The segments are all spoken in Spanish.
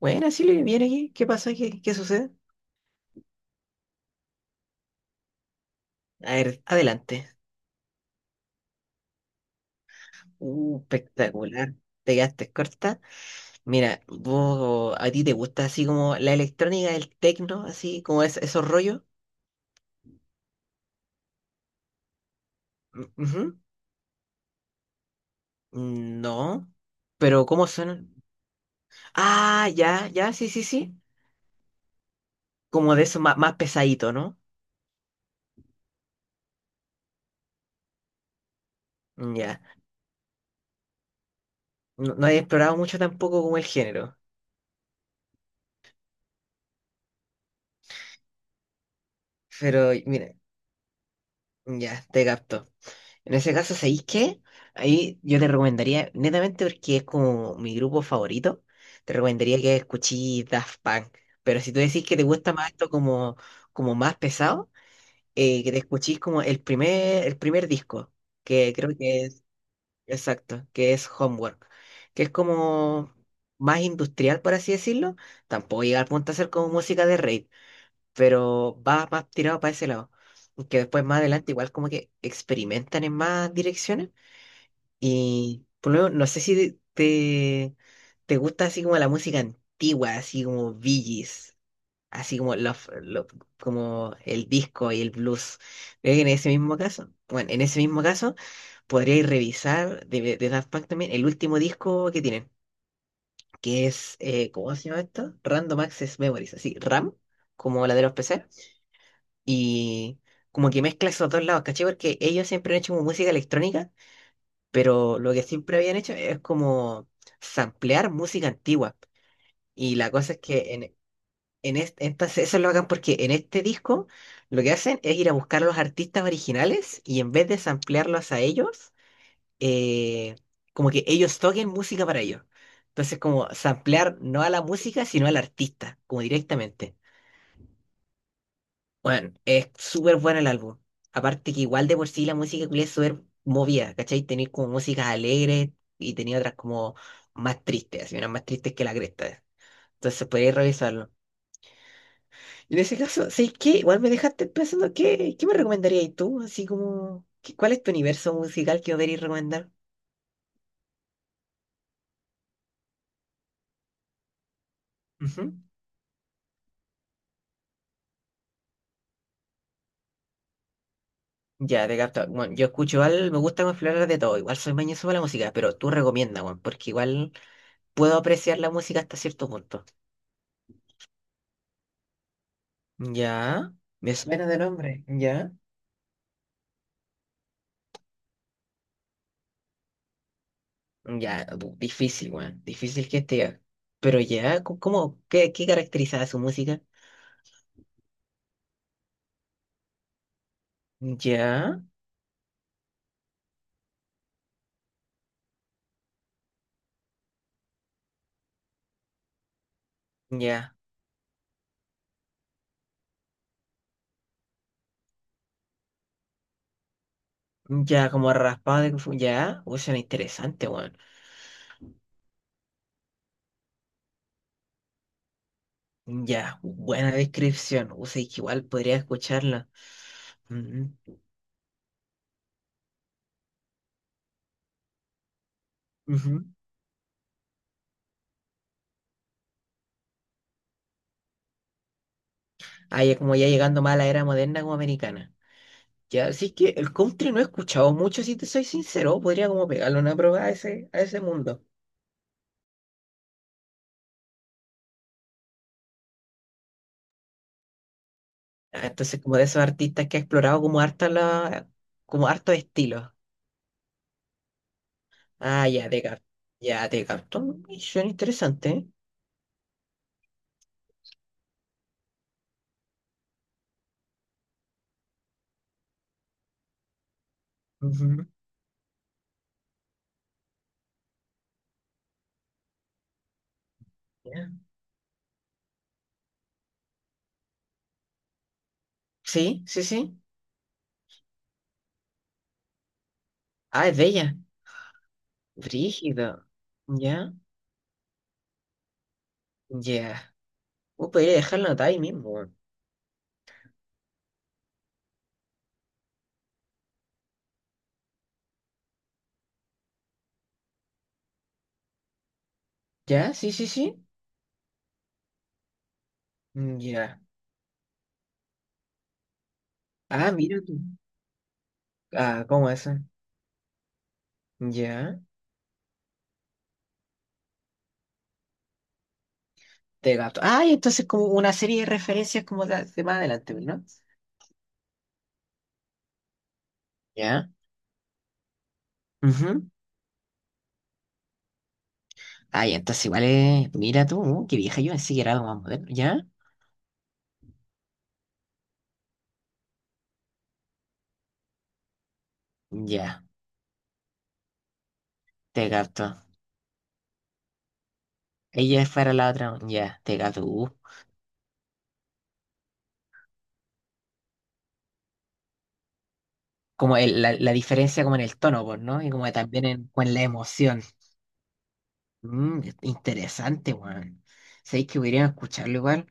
Bueno, así lo viene aquí. ¿Qué pasa? ¿Qué sucede? A ver, adelante. Espectacular. Te quedaste corta. Mira, vos, ¿a ti te gusta así como la electrónica, el tecno, así como es, esos rollos? Mm, ujú. Mm, no. Pero ¿cómo suenan? Ah, ya, ya, sí, sí, sí. Como de eso más, más pesadito, ¿no? Mm, ya. No, no he explorado mucho tampoco como el género. Pero mira, ya, te capto. En ese caso, ¿sabéis qué? Ahí yo te recomendaría, netamente porque es como mi grupo favorito, te recomendaría que escuchís Daft Punk. Pero si tú decís que te gusta más esto como más pesado, que te escuchís como el primer disco, que creo que es, exacto, que es Homework, que es como más industrial, por así decirlo. Tampoco llega al punto de ser como música de rave, pero va más tirado para ese lado. Que después más adelante igual como que experimentan en más direcciones. Y por lo menos, no sé si te gusta así como la música antigua, así como Bee Gees, así como, como el disco y el blues. Creo que en ese mismo caso, bueno, en ese mismo caso, podríais revisar de Daft Punk también el último disco que tienen, que es, ¿cómo se llama esto? Random Access Memories, así, RAM, como la de los PC. Y como que mezcla esos dos lados, ¿cachai? Porque ellos siempre han hecho como música electrónica pero lo que siempre habían hecho es como samplear música antigua. Y la cosa es que en estas, eso lo hagan porque en este disco lo que hacen es ir a buscar a los artistas originales y en vez de samplearlos a ellos, eh, como que ellos toquen música para ellos. Entonces, como samplear no a la música, sino al artista, como directamente. Bueno, es súper bueno el álbum. Aparte que igual de por sí la música culia es súper movida, ¿cachai? Tenía como músicas alegres y tenía otras como más tristes, así unas más tristes que la cresta. Entonces podría revisarlo. Y en ese caso, ¿sabes qué? Igual me dejaste pensando, ¿qué me recomendarías tú? Así como, ¿cuál es tu universo musical que deberías recomendar? Ujú. Ya, te capto. Bueno, yo escucho igual, me gusta explorar de todo. Igual soy mañoso para la música, pero tú recomienda, bueno, porque igual puedo apreciar la música hasta cierto punto. Ya, me suena de nombre, ya. Ya, difícil, weón, difícil que esté. Pero ya, ¿cómo? ¿Qué caracterizaba su música? Ya, ya, ya, como raspado ya, uy, suena interesante, weón. Ya, buena descripción, o sea, que igual podría escucharla. Ujú, ujú. Ah, ya como ya llegando más a la era moderna como americana. Ya, así que el country no he escuchado mucho, si te soy sincero, podría como pegarle una prueba a ese mundo. Ah, entonces, como de esos artistas que ha explorado como como harto estilos. Ah, ya, te capto. Ya, te capto. Mm, suena interesante, ¿eh? Ujú. Ya. Sí, sí, sí. Ah, es de ella. Brígido. Ya, ya. Podría dejarlo anotado ahí mismo. Weón. Ya, sí, sí, sí. Mm, ya. Ah, mira tú. Ah, ¿cómo eso? Ya. Te capto. Ah, y entonces como una serie de referencias como de más adelante, ¿no? Ya. Ujú. Ah, ya, entonces igual es. Mira tú, qué vieja, yo pensé que era algo más moderno. ¿Ya? Ya, te capto. Ella es para la otra. Ya, te capto. Como la diferencia como en el tono, pues, ¿no? Y como también con la emoción. Interesante, weón. Sabéis que podrían escucharlo igual,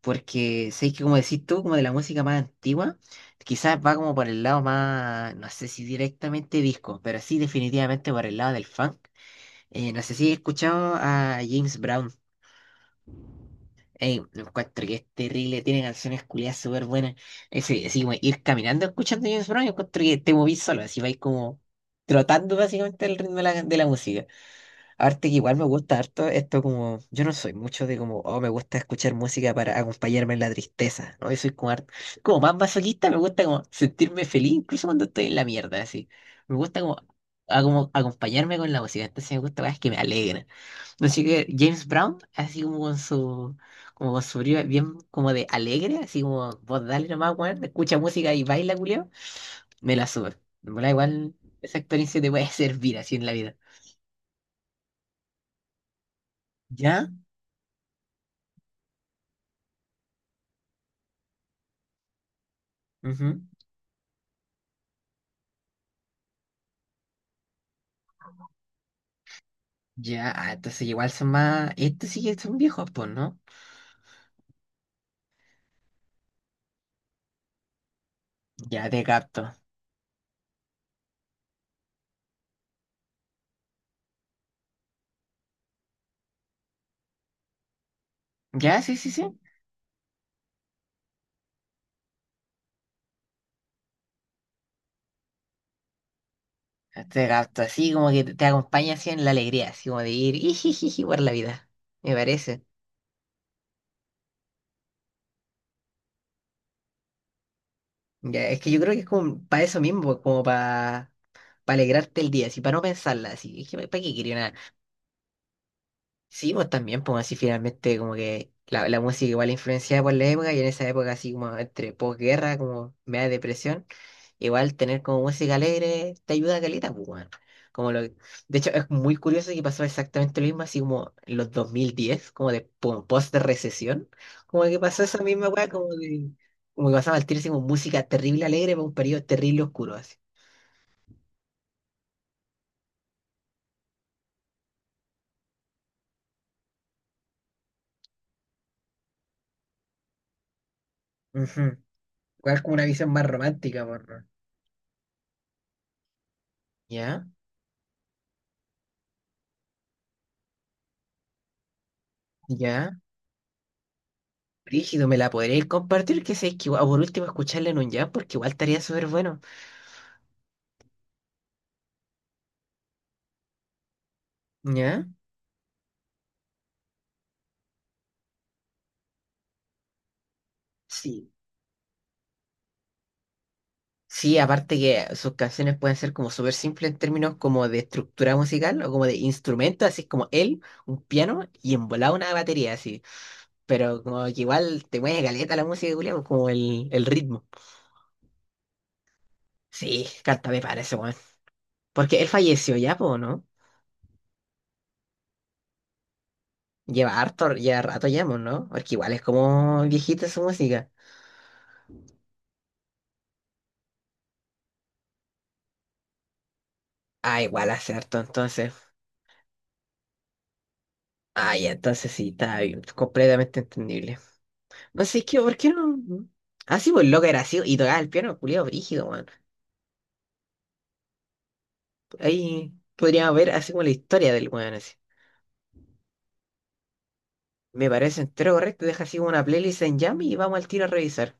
porque sabéis que como decís tú, como de la música más antigua, quizás va como por el lado más, no sé si directamente disco, pero sí definitivamente por el lado del funk. No sé si he escuchado a James Brown. Ey, lo encuentro que es terrible, tiene canciones culiadas súper buenas. Ese, así como ir caminando escuchando James Brown, yo encuentro que te movís solo, así vais como trotando básicamente el ritmo de la música. Arte que igual me gusta harto, esto como, yo no soy mucho de como, oh, me gusta escuchar música para acompañarme en la tristeza, ¿no? Yo soy como, como más masoquista, me gusta como sentirme feliz, incluso cuando estoy en la mierda, así. Me gusta como, como acompañarme con la música, entonces me gusta cosas que me alegran. Así que James Brown, así como con su brío bien como de alegre, así como vos dale nomás, weón, escucha música y baila, culiao, me la sube. Me da igual, esa experiencia te puede servir así en la vida. ¿Ya? Ujú. Ya, ah, entonces igual son más. Estos sí que son viejos, pues, ¿no? Ya te capto. Ya, sí, sí, sí. Te capto, así como que te acompaña así en la alegría, así como de ir y por la vida. Me parece. Ya, es que yo creo que es como para eso mismo, como para alegrarte el día, así para no pensarla, así. Es que para qué quería nada. Sí, vos también, pues así finalmente, como que la música igual influenciada por la época y en esa época, así como entre posguerra, como media depresión. Igual tener como música alegre te ayuda a caleta, pues, weón. De hecho, es muy curioso que pasó exactamente lo mismo, así como en los 2010 como de pum, post de recesión, como que pasó esa misma weá, como que pasaba el tiro así como música terrible alegre para un periodo terrible oscuro, así. Ujú. Igual como una visión más romántica, por ya, ya. Rígido, ¿me la podréis compartir? Que sé que o por último escucharla en un jam, porque igual estaría súper bueno. ¿Ya? Sí. Sí, aparte que sus canciones pueden ser como súper simples en términos como de estructura musical o como de instrumento, así es como él, un piano y en volada una batería, así. Pero como que igual te mueve caleta la música, Julián, como el ritmo. Sí, canta me parece, weón. Porque él falleció ya, po, ¿no? Lleva harto, ya rato ya, po, ¿no? Porque igual es como viejita su música. Ah, igual hace harto, entonces. Ah, ya, entonces sí, está bien, completamente entendible. Así que, ¿por qué no? Mm. Ah, sí, pues loca era así, y tocaba el piano, culiado brígido, weón. Ahí podríamos ver así como la historia del weón, así. Me parece entero correcto, deja así como una playlist en Jam y vamos al tiro a revisar.